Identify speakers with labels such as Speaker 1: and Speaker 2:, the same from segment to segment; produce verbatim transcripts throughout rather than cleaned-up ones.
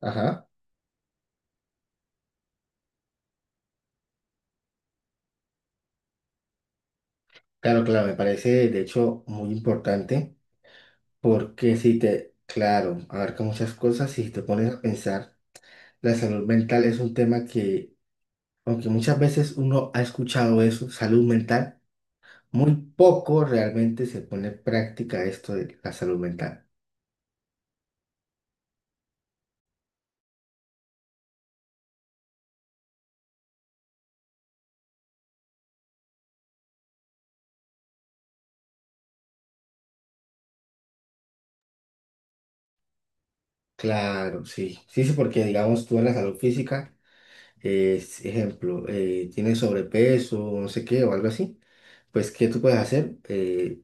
Speaker 1: Ajá, claro, claro, me parece de hecho muy importante porque si te, claro, abarca muchas cosas y si te pones a pensar, la salud mental es un tema que, aunque muchas veces uno ha escuchado eso, salud mental, muy poco realmente se pone en práctica esto de la salud mental. Claro, sí, sí, sí, porque digamos tú en la salud física, es, ejemplo, eh, tienes sobrepeso, no sé qué, o algo así, pues ¿qué tú puedes hacer? Eh,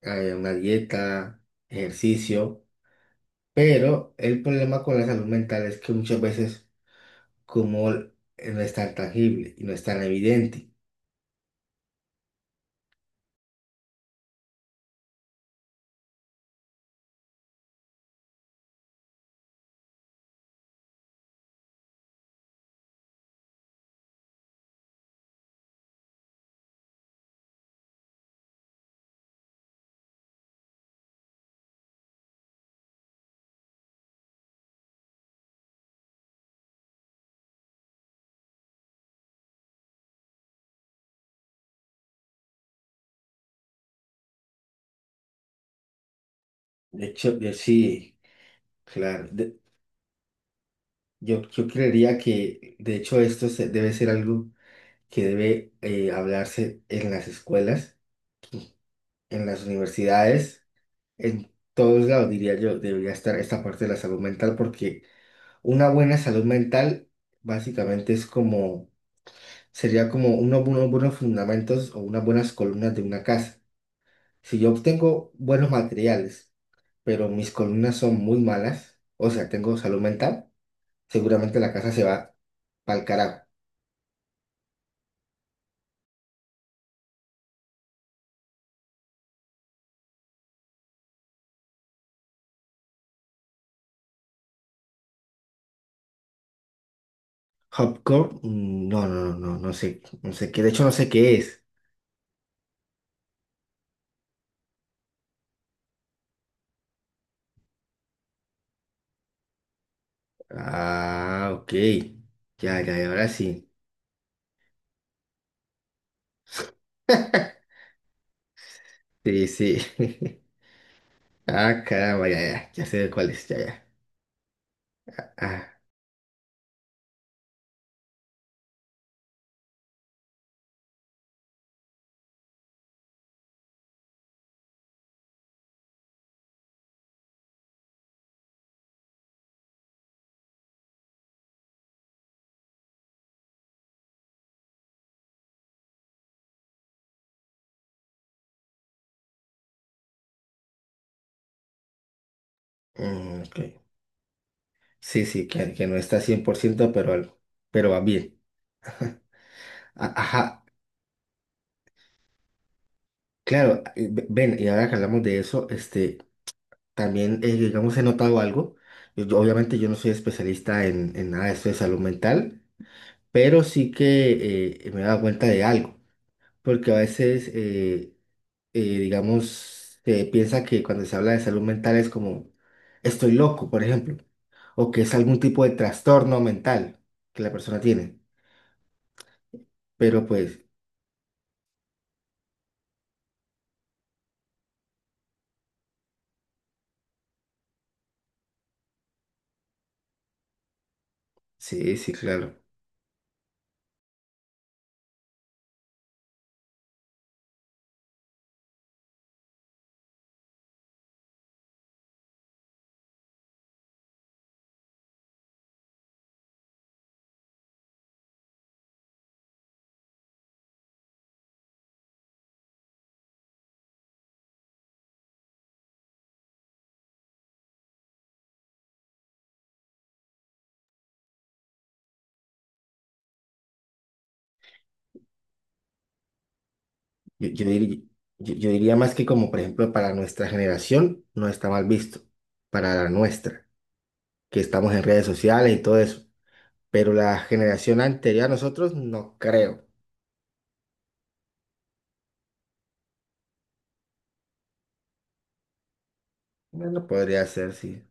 Speaker 1: eh, Una dieta, ejercicio, pero el problema con la salud mental es que muchas veces como eh, no es tan tangible y no es tan evidente. De hecho, yo sí, claro, de- yo, yo creería que de hecho esto se- debe ser algo que debe eh, hablarse en las escuelas, en las universidades, en todos lados, diría yo, debería estar esta parte de la salud mental porque una buena salud mental básicamente es como sería como unos, buenos buenos fundamentos o unas buenas columnas de una casa. Si yo obtengo buenos materiales, pero mis columnas son muy malas, o sea, tengo salud mental, seguramente la casa se va pa'l carajo. Hopcore, mm, no, no, no, no no sé, no sé qué, de hecho no sé qué es. Ah, ok, ya, ya, ya, ahora sí. Sí, sí. Ah, caramba, ya, ya, ya sé cuál es, ya, ya. Ah, mm, ok. Sí, sí, que, que no está cien por ciento, pero algo, pero va bien. A- Ajá, claro, eh, ve- ven, y ahora que hablamos de eso, este, también, eh, digamos, he notado algo. Yo- yo- obviamente yo no soy especialista en, en nada de esto de salud mental, pero sí que eh, me he dado cuenta de algo, porque a veces, eh, eh, digamos, se piensa que cuando se habla de salud mental es como, estoy loco, por ejemplo, o que es algún tipo de trastorno mental que la persona tiene, pero pues, sí, sí, claro. Yo, yo diri- yo- yo diría más que como, por ejemplo, para nuestra generación no está mal visto, para la nuestra, que estamos en redes sociales y todo eso, pero la generación anterior a nosotros no creo. Bueno, podría ser, sí.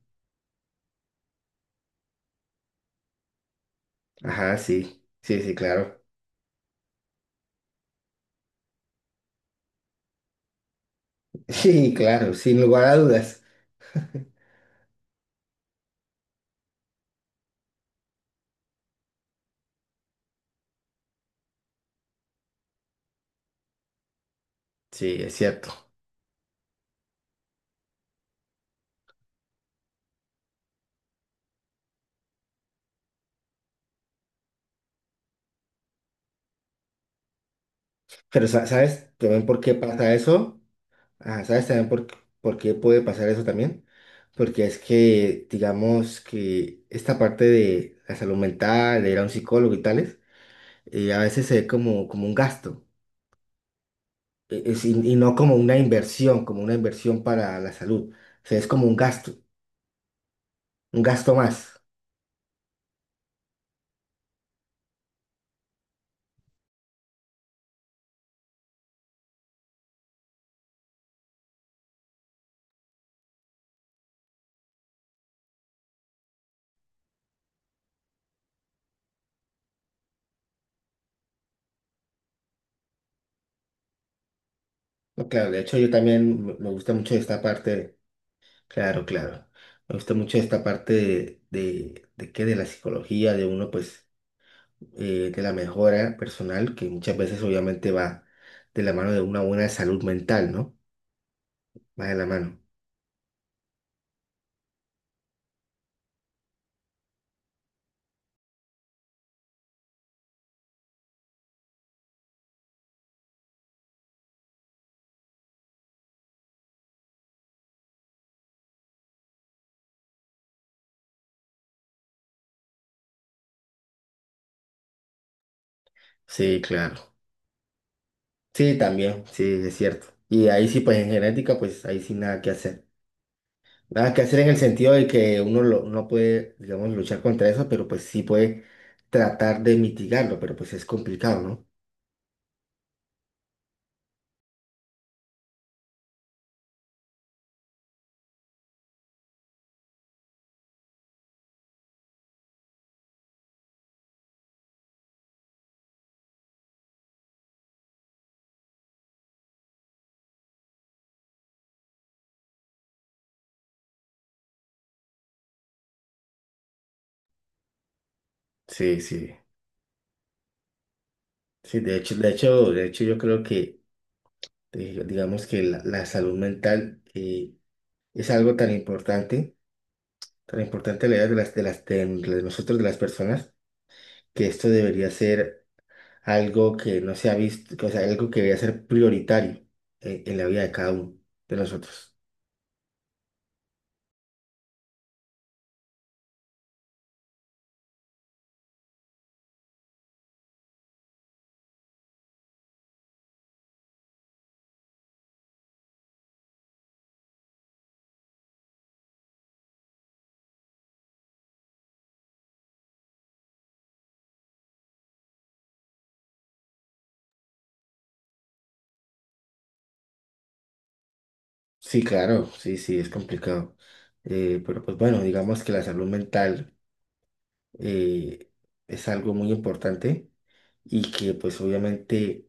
Speaker 1: Ajá, sí, sí, sí, claro. Sí, claro, sin lugar a dudas. Sí, es cierto. Pero, sa- ¿sabes también por qué pasa eso? Ah, ¿sabes también por, por qué puede pasar eso también? Porque es que, digamos que esta parte de la salud mental, de ir a un psicólogo y tales, eh, a veces se ve como, como un gasto, eh, es- y, y no como una inversión, como una inversión para la salud. O sea, es como un gasto, un gasto más. No, claro, de hecho yo también me me gusta mucho esta parte, claro, claro, me gusta mucho esta parte de, de, de qué, de la psicología, de uno pues eh, de la mejora personal, que muchas veces obviamente va de la mano de una buena salud mental, ¿no? Va de la mano. Sí, claro. Sí, también, sí, es cierto. Y ahí sí, pues en genética, pues ahí sí nada que hacer. Nada que hacer en el sentido de que uno lo- no puede, digamos, luchar contra eso, pero pues sí puede tratar de mitigarlo, pero pues es complicado, ¿no? Sí, sí. Sí, de hecho, de hecho, de hecho yo creo que, eh, digamos que la, la salud mental eh, es algo tan importante, tan importante la idea de las, de las, de nosotros, de las personas, que esto debería ser algo que no se ha visto, que, o sea, algo que debería ser prioritario en, en la vida de cada uno de nosotros. Sí, claro, sí, sí, es complicado. Eh, pero pues bueno, digamos que la salud mental eh, es algo muy importante y que pues obviamente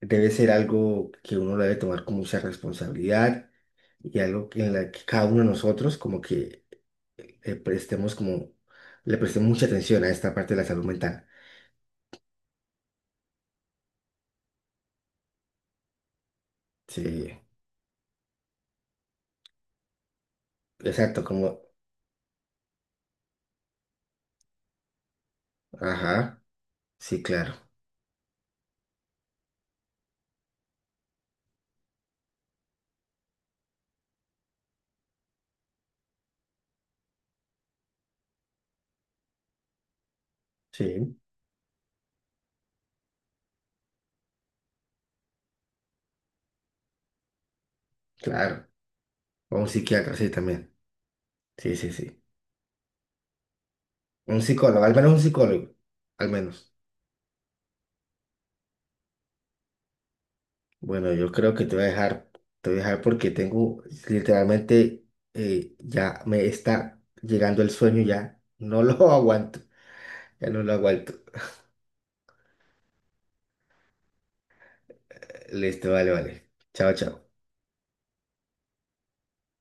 Speaker 1: debe ser algo que uno lo debe tomar con mucha responsabilidad y algo que- en la que cada uno de nosotros como que eh, prestemos como, le prestemos mucha atención a esta parte de la salud mental. Sí, exacto, como, ajá, sí, claro, sí, claro. O un psiquiatra, sí, también. Sí, sí, sí. Un psicólogo, al menos un psicólogo, al menos. Bueno, yo creo que te voy a dejar, te voy a dejar porque tengo, literalmente, eh, ya me está llegando el sueño, ya no lo aguanto, ya no lo aguanto. Listo, vale, vale. Chao, chao.